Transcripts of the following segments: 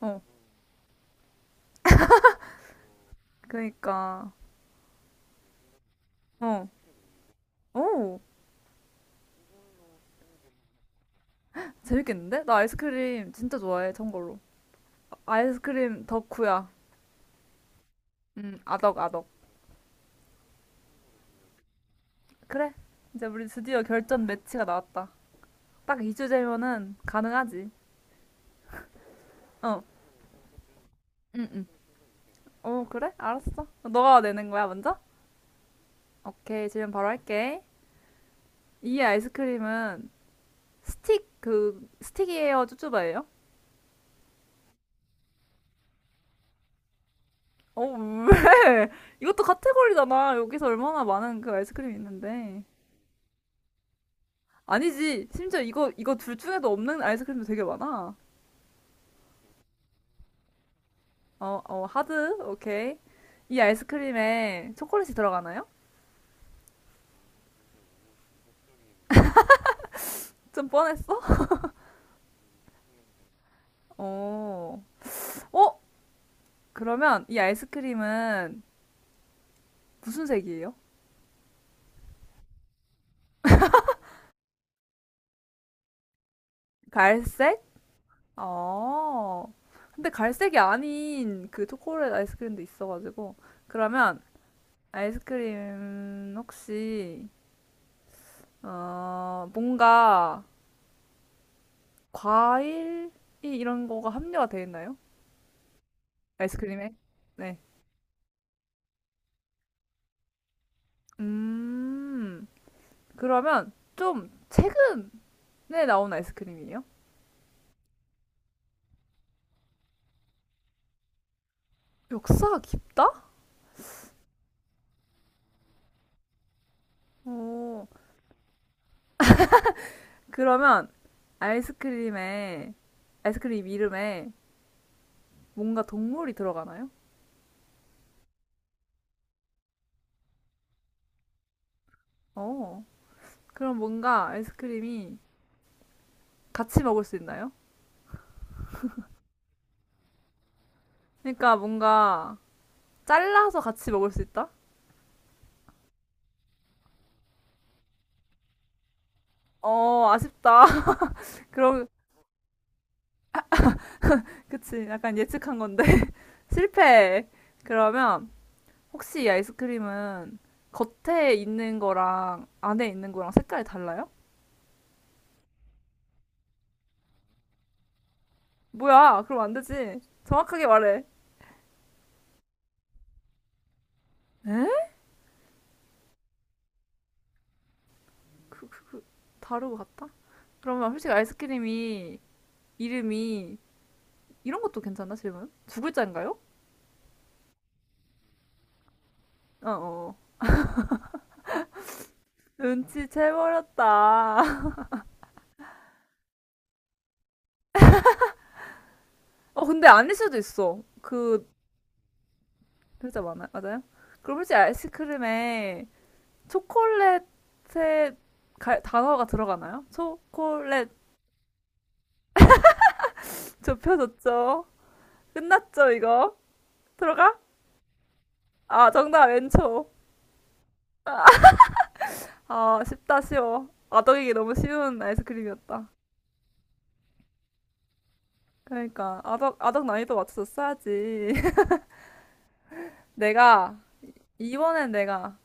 어, 그러니까. 어. 오, 재밌겠는데? 나 아이스크림 진짜 좋아해, 참고로. 아이스크림 덕후야. 아덕, 아덕. 그래. 이제 우리 드디어 결전 매치가 나왔다. 딱 2주제면은 가능하지. 어. 응, 응. 어, 그래? 알았어. 너가 내는 거야, 먼저? 오케이, 질문 바로 할게. 이 아이스크림은 스틱이에요, 쭈쭈바예요? 어, 왜? 이것도 카테고리잖아. 여기서 얼마나 많은 그 아이스크림이 있는데. 아니지. 심지어 이거 둘 중에도 없는 아이스크림도 되게 많아. 어, 어, 하드? 오케이. 이 아이스크림에 초콜릿이 들어가나요? 좀 뻔했어? 어. 어? 그러면 이 아이스크림은 무슨 색이에요? 갈색? 어. 근데 갈색이 아닌 그 초콜릿 아이스크림도 있어가지고. 그러면 아이스크림 혹시, 어, 뭔가 과일? 이 이런 거가 합류가 돼 있나요? 아이스크림에? 네. 음, 그러면 좀 최근에 나온 아이스크림이에요? 역사가 깊다? 오, 그러면 아이스크림에, 아이스크림 이름에 뭔가 동물이 들어가나요? 어, 그럼 뭔가 아이스크림이 같이 먹을 수 있나요? 그러니까 뭔가 잘라서 같이 먹을 수 있다? 어, 아쉽다. 그럼, 그치. 약간 예측한 건데. 실패. 그러면 혹시 이 아이스크림은 겉에 있는 거랑 안에 있는 거랑 색깔이 달라요? 뭐야, 그럼 안 되지. 정확하게 말해. 에? 그, 다르고 같다? 그러면 솔직히 아이스크림이 이름이 이런 것도 괜찮나, 질문? 두 글자인가요? 어어. 눈치 채버렸다. 어, 근데 아닐 수도 있어. 그, 글자 많아요? 맞아요? 그럼 솔직히 아이스크림에 초콜릿의 단어가 들어가나요? 초콜릿 좁혀졌죠? 끝났죠, 이거? 들어가? 아, 정답, 왼초. 아, 쉽다, 쉬워. 아덕이기 너무 쉬운 아이스크림이었다. 그러니까, 아덕, 아덕 난이도 맞춰서 써야지 내가, 이번엔 내가,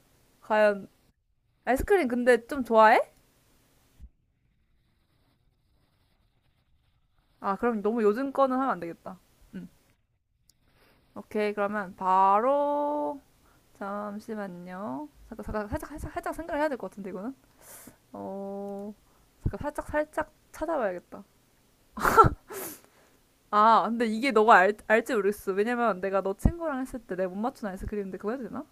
과연, 아이스크림 근데 좀 좋아해? 아, 그럼 너무 요즘 거는 하면 안 되겠다. 응. 오케이, 그러면 바로, 잠시만요. 잠깐, 잠깐, 살짝, 살짝, 살짝 생각을 해야 될 것 같은데, 이거는? 어, 잠깐, 살짝, 살짝 찾아봐야겠다. 아, 근데 이게 너가 알지 모르겠어. 왜냐면 내가 너 친구랑 했을 때 내가 못 맞추나 해서 그랬는데 그거 해도 되나?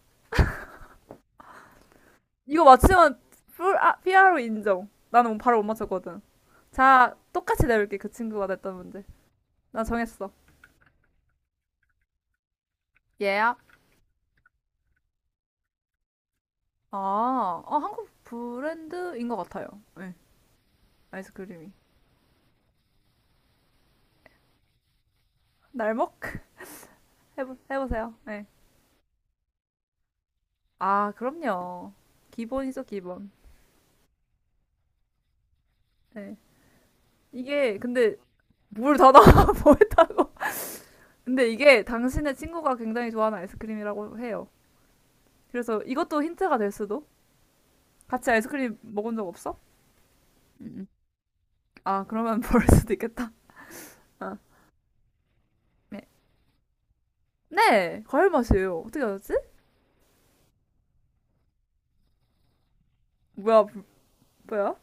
이거 맞추면 피아로 인정. 나는 뭐 바로 못 맞췄거든. 자, 똑같이 내볼게. 그 친구가 냈던 문제. 나 정했어. 얘야? 아, 어, 한국 브랜드인 것 같아요. 네, 아이스크림이. 날먹? 해보세요. 네. 아, 그럼요. 기본이죠, 기본. 네. 이게, 근데, 뭘 다 나와, 뭐 했다고. 근데 이게 당신의 친구가 굉장히 좋아하는 아이스크림이라고 해요. 그래서 이것도 힌트가 될 수도? 같이 아이스크림 먹은 적 없어? 음. 아, 그러면 벌 수도 있겠다. 아. 네. 네! 과일 맛이에요. 어떻게 알았지? 뭐야, 뭐, 뭐야?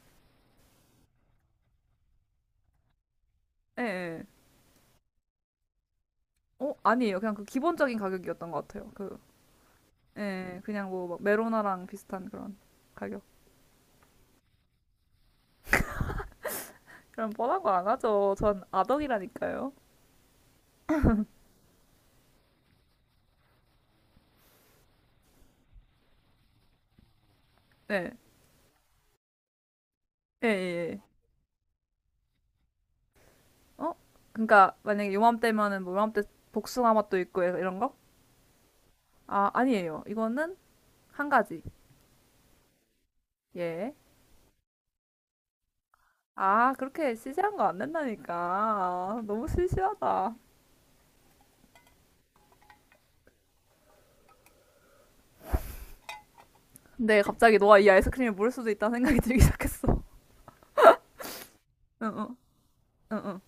예, 예. 어, 아니에요. 그냥 그 기본적인 가격이었던 것 같아요. 그, 예, 네. 그냥 뭐, 막 메로나랑 비슷한 그런 가격. 그럼 뻔한 거 안 하죠. 전 아덕이라니까요. 네. 예, 예, 예. 어? 그러니까 만약에 요맘때면은 뭐 요맘때 복숭아 맛도 있고 이런 거? 아, 아니에요. 이거는 한 가지. 예. 아, 그렇게 시시한 거 안 된다니까. 아, 너무 시시하다. 근데 갑자기 너가 이 아이스크림을 모를 수도 있다는 생각이 들기 시작했어. 응응, 응응.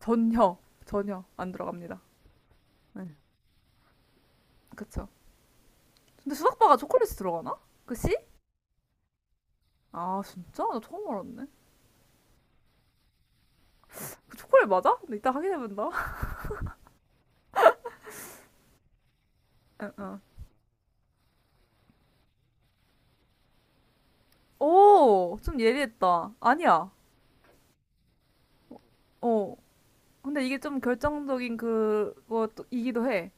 전혀, 전혀 안 들어갑니다. 네, 그쵸. 근데 수박바가 초콜릿이 들어가나? 그 씨? 아, 진짜? 나 처음 알았네. 그 초콜릿 맞아? 근데 이따 확인해본다. 응응. 오, 좀 예리했다. 아니야. 어. 근데 이게 좀 결정적인 그것이기도 해.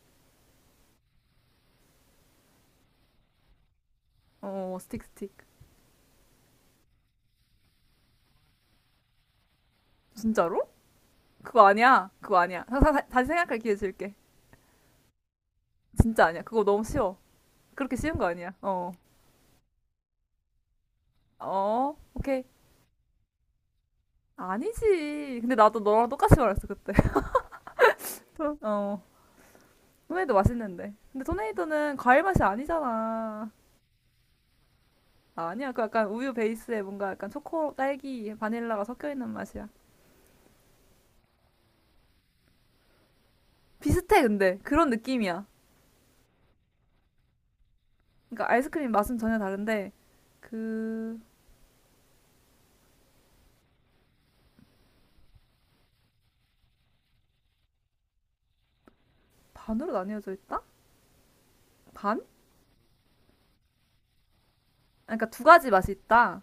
어, 스틱. 진짜로? 그거 아니야. 다시 생각할 기회 줄게. 진짜 아니야. 그거 너무 쉬워. 그렇게 쉬운 거 아니야. 어. 어, 오케이. 아니지. 근데 나도 너랑 똑같이 말했어, 그때. 어. 토네이도 맛있는데. 근데 토네이도는 과일 맛이 아니잖아. 아니야. 그 약간 우유 베이스에 뭔가 약간 초코, 딸기, 바닐라가 섞여 있는 맛이야. 비슷해, 근데. 그런 느낌이야. 그러니까 아이스크림 맛은 전혀 다른데, 그, 반으로 나뉘어져 있다? 반? 아, 그러니까 두 가지 맛이 있다.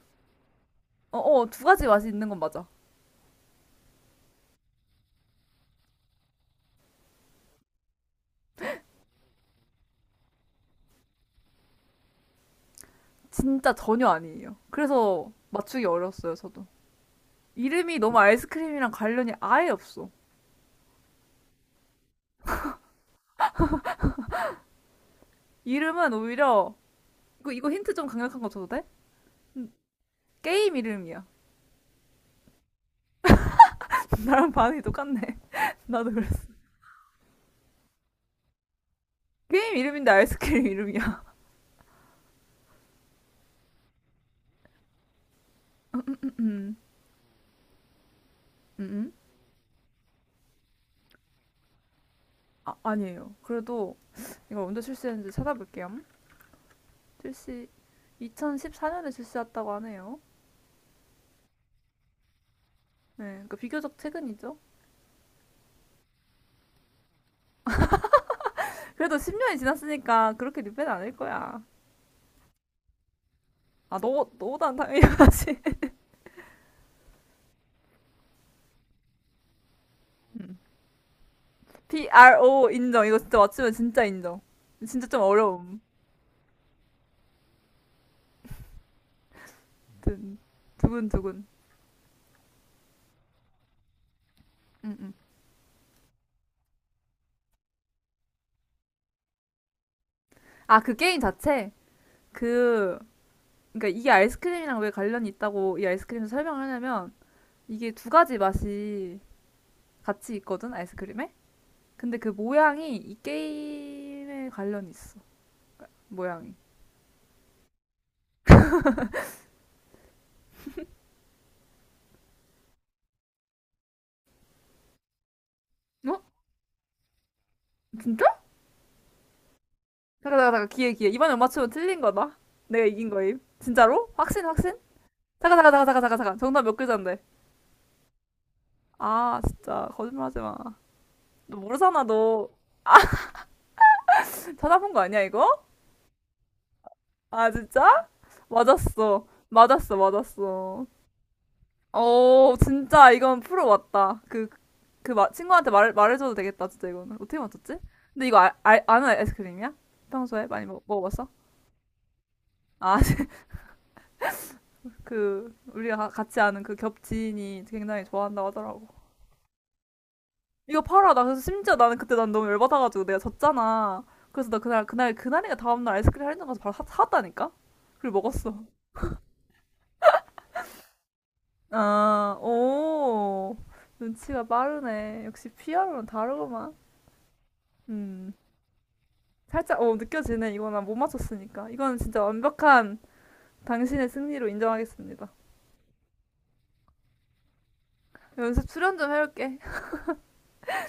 두 가지 맛이 있는 건 맞아. 진짜 전혀 아니에요. 그래서 맞추기 어려웠어요, 저도. 이름이 너무 아이스크림이랑 관련이 아예 없어. 이름은 오히려 이거 힌트 좀 강력한 거 줘도 돼? 게임 이름이야. 나랑 반응이 똑같네. 나도 그랬어. 게임 이름인데 아이스크림 이름이야. 음, 음, 음. 음, 음. 아, 아니에요. 그래도 이걸 언제 출시했는지 찾아볼게요. 출시 2014년에 출시했다고 하네요. 네, 그러니까 비교적 최근이죠. 그래도 10년이 지났으니까 그렇게 리벤 아닐 거야. 아, 너보단 당연히 하지. PRO 인정. 이거 진짜 맞추면 진짜 인정. 진짜 좀 어려움. 든- 두근두근. 응, 응. 아, 그 게임 자체? 그, 그니까 이게 아이스크림이랑 왜 관련이 있다고 이 아이스크림을 설명을 하냐면 이게 두 가지 맛이 같이 있거든, 아이스크림에? 근데 그 모양이 이 게임에 관련이 있어. 모양이. 어? 진짜? 잠깐. 기회, 기회. 이번에 못 맞추면 틀린 거다. 내가 이긴 거임. 진짜로? 확신, 확신? 잠깐. 정답 몇 글자인데? 아, 진짜. 거짓말 하지 마. 너 모르잖아, 너. 찾아본 거 아니야, 이거? 아, 진짜? 맞았어. 맞았어. 어, 진짜 이건 프로 맞다. 그, 그 친구한테 말해줘도 되겠다, 진짜 이거는. 어떻게 맞췄지? 근데 이거 아는 아이스크림이야? 평소에 많이 먹어봤어? 아, 그, 우리가 같이 아는 그 겹친이 굉장히 좋아한다고 하더라고. 이거 팔아. 나 그래서 심지어 나는 그때 난 너무 열받아가지고 내가 졌잖아. 그래서 나 그날이가 다음날 아이스크림 할인점 가서 바로 샀다니까? 그리고 먹었어. 아, 오. 눈치가 빠르네. 역시 피아노는 다르구만. 음. 살짝, 어, 느껴지네. 이거 난 못 맞췄으니까. 이거는 진짜 완벽한 당신의 승리로 인정하겠습니다. 연습 수련 좀 해올게.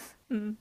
음.